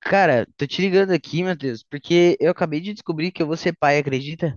Cara, tô te ligando aqui, Matheus, porque eu acabei de descobrir que eu vou ser pai, acredita?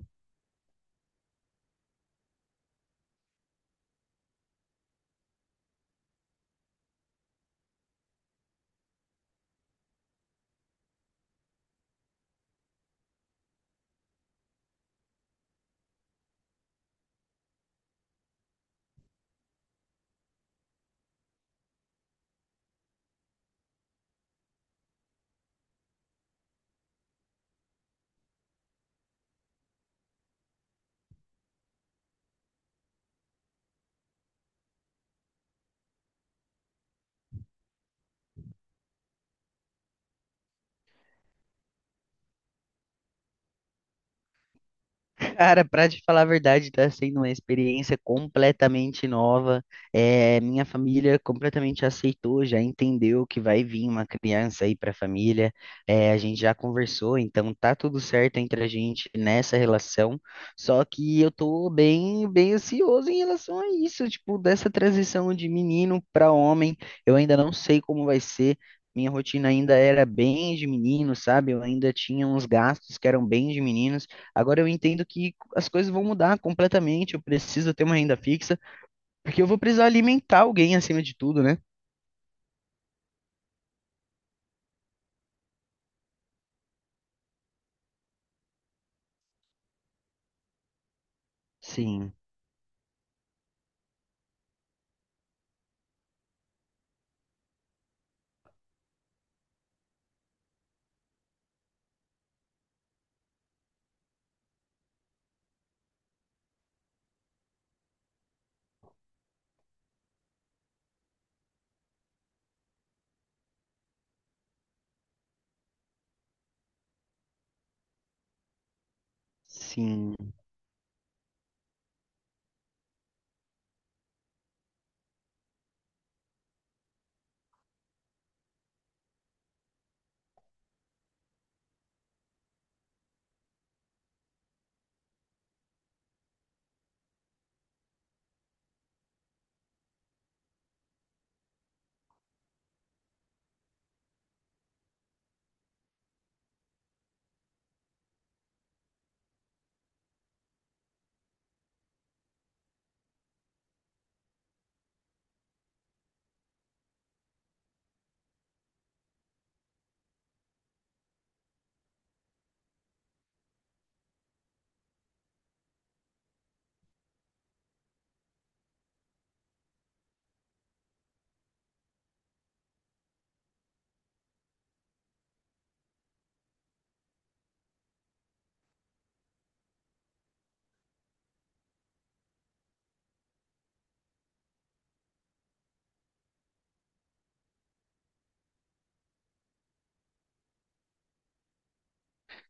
Cara, pra te falar a verdade, tá sendo uma experiência completamente nova. É, minha família completamente aceitou, já entendeu que vai vir uma criança aí pra família. É, a gente já conversou, então tá tudo certo entre a gente nessa relação. Só que eu tô bem, bem ansioso em relação a isso, tipo, dessa transição de menino pra homem. Eu ainda não sei como vai ser. Minha rotina ainda era bem de menino, sabe? Eu ainda tinha uns gastos que eram bem de meninos. Agora eu entendo que as coisas vão mudar completamente, eu preciso ter uma renda fixa, porque eu vou precisar alimentar alguém acima de tudo, né? Sim, sim.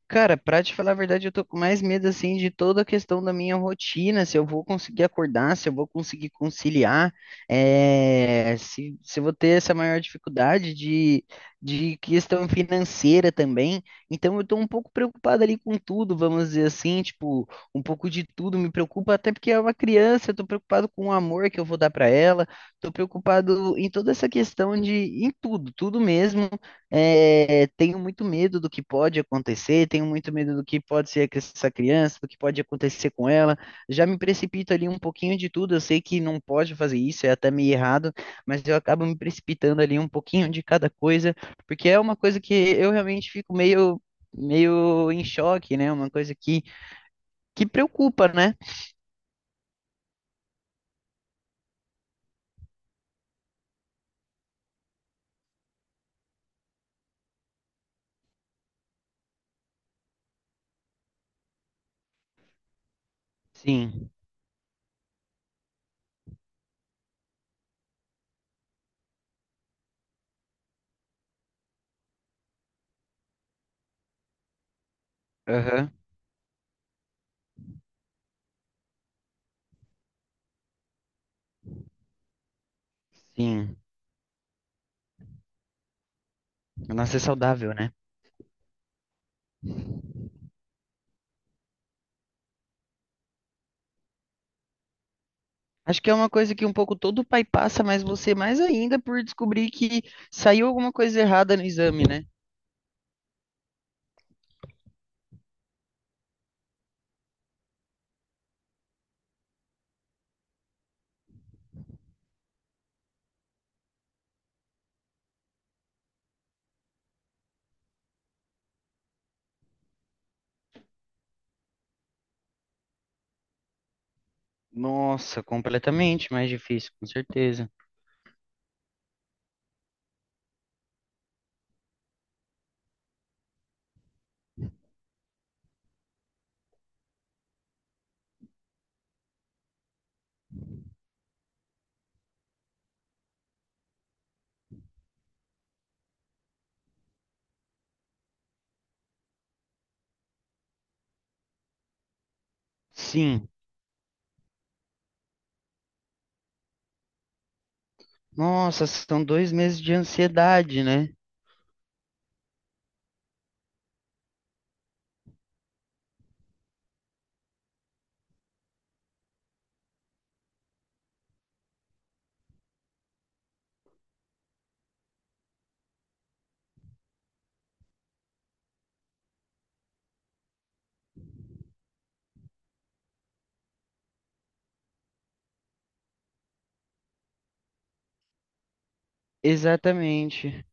Cara, pra te falar a verdade, eu tô com mais medo assim de toda a questão da minha rotina, se eu vou conseguir acordar, se eu vou conseguir conciliar, se eu vou ter essa maior dificuldade de questão financeira também. Então eu tô um pouco preocupado ali com tudo, vamos dizer assim, tipo, um pouco de tudo me preocupa, até porque é uma criança, eu tô preocupado com o amor que eu vou dar pra ela, tô preocupado em toda essa questão de, em tudo, tudo mesmo. Eh, Tenho muito medo do que pode acontecer, tenho muito medo do que pode ser com essa criança, do que pode acontecer com ela. Já me precipito ali um pouquinho de tudo. Eu sei que não pode fazer isso, é até meio errado, mas eu acabo me precipitando ali um pouquinho de cada coisa, porque é uma coisa que eu realmente fico meio em choque, né? Uma coisa que preocupa, né? Sim. Aham. Sim. Nossa, é saudável, né? Acho que é uma coisa que um pouco todo pai passa, mas você mais ainda por descobrir que saiu alguma coisa errada no exame, né? Nossa, completamente mais difícil, com certeza. Sim. Nossa, são 2 meses de ansiedade, né? Exatamente.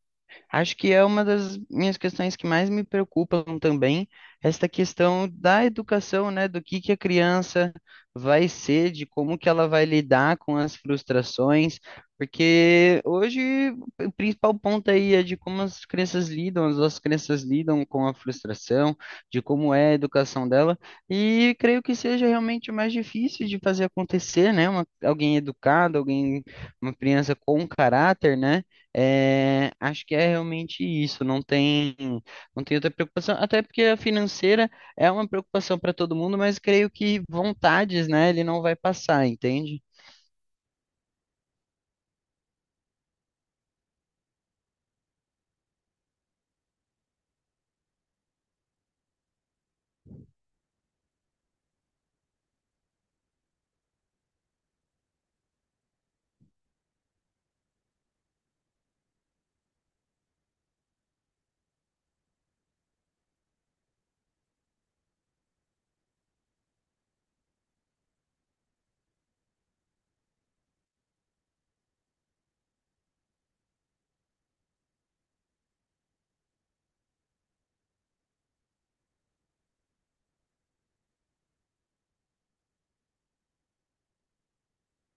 Acho que é uma das minhas questões que mais me preocupam também, esta questão da educação, né, do que a criança vai ser, de como que ela vai lidar com as frustrações, porque hoje o principal ponto aí é de como as crianças lidam, as nossas crianças lidam com a frustração, de como é a educação dela, e creio que seja realmente o mais difícil de fazer acontecer, né, uma, alguém educado, alguém, uma criança com caráter, né, é, acho que é realmente isso, não tem, não tem outra preocupação, até porque a financeira é uma preocupação para todo mundo, mas creio que vontades, né, ele não vai passar, entende?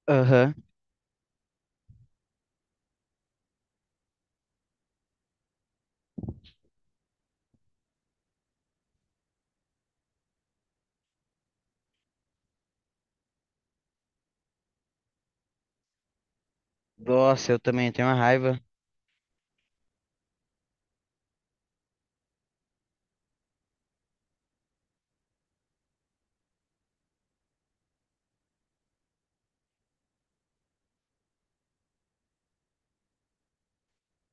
Aham. Nossa, eu também tenho uma raiva.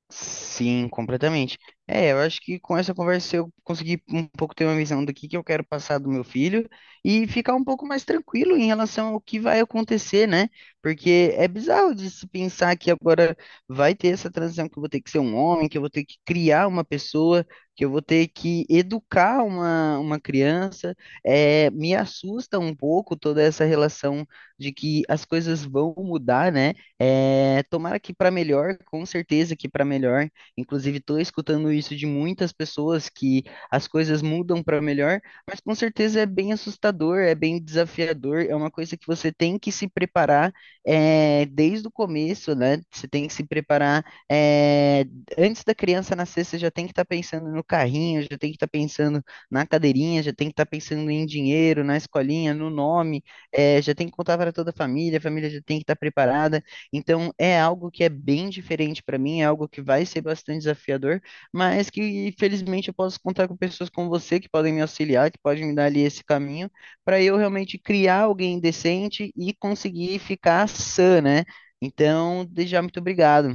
Sim, completamente. É, eu acho que com essa conversa eu consegui um pouco ter uma visão do que eu quero passar do meu filho e ficar um pouco mais tranquilo em relação ao que vai acontecer, né? Porque é bizarro de se pensar que agora vai ter essa transição que eu vou ter que ser um homem, que eu vou ter que criar uma pessoa, que eu vou ter que educar uma criança. É, me assusta um pouco toda essa relação de que as coisas vão mudar, né? É, tomara que para melhor, com certeza que para melhor. Inclusive, estou escutando isso de muitas pessoas que as coisas mudam para melhor, mas com certeza é bem assustador, é bem desafiador, é uma coisa que você tem que se preparar desde o começo, né? Você tem que se preparar é, antes da criança nascer, você já tem que estar pensando no carrinho, já tem que estar pensando na cadeirinha, já tem que estar pensando em dinheiro, na escolinha, no nome, já tem que contar para toda a família já tem que estar preparada. Então, é algo que é bem diferente para mim, é algo que vai ser bastante desafiador, mas que felizmente eu posso contar com pessoas como você que podem me auxiliar, que podem me dar ali esse caminho, para eu realmente criar alguém decente e conseguir ficar sã, né? Então, desde já, muito obrigado.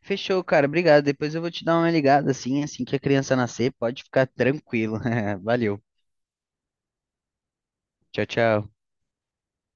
Fechou, cara, obrigado. Depois eu vou te dar uma ligada assim, assim que a criança nascer, pode ficar tranquilo. Valeu. Tchau, tchau.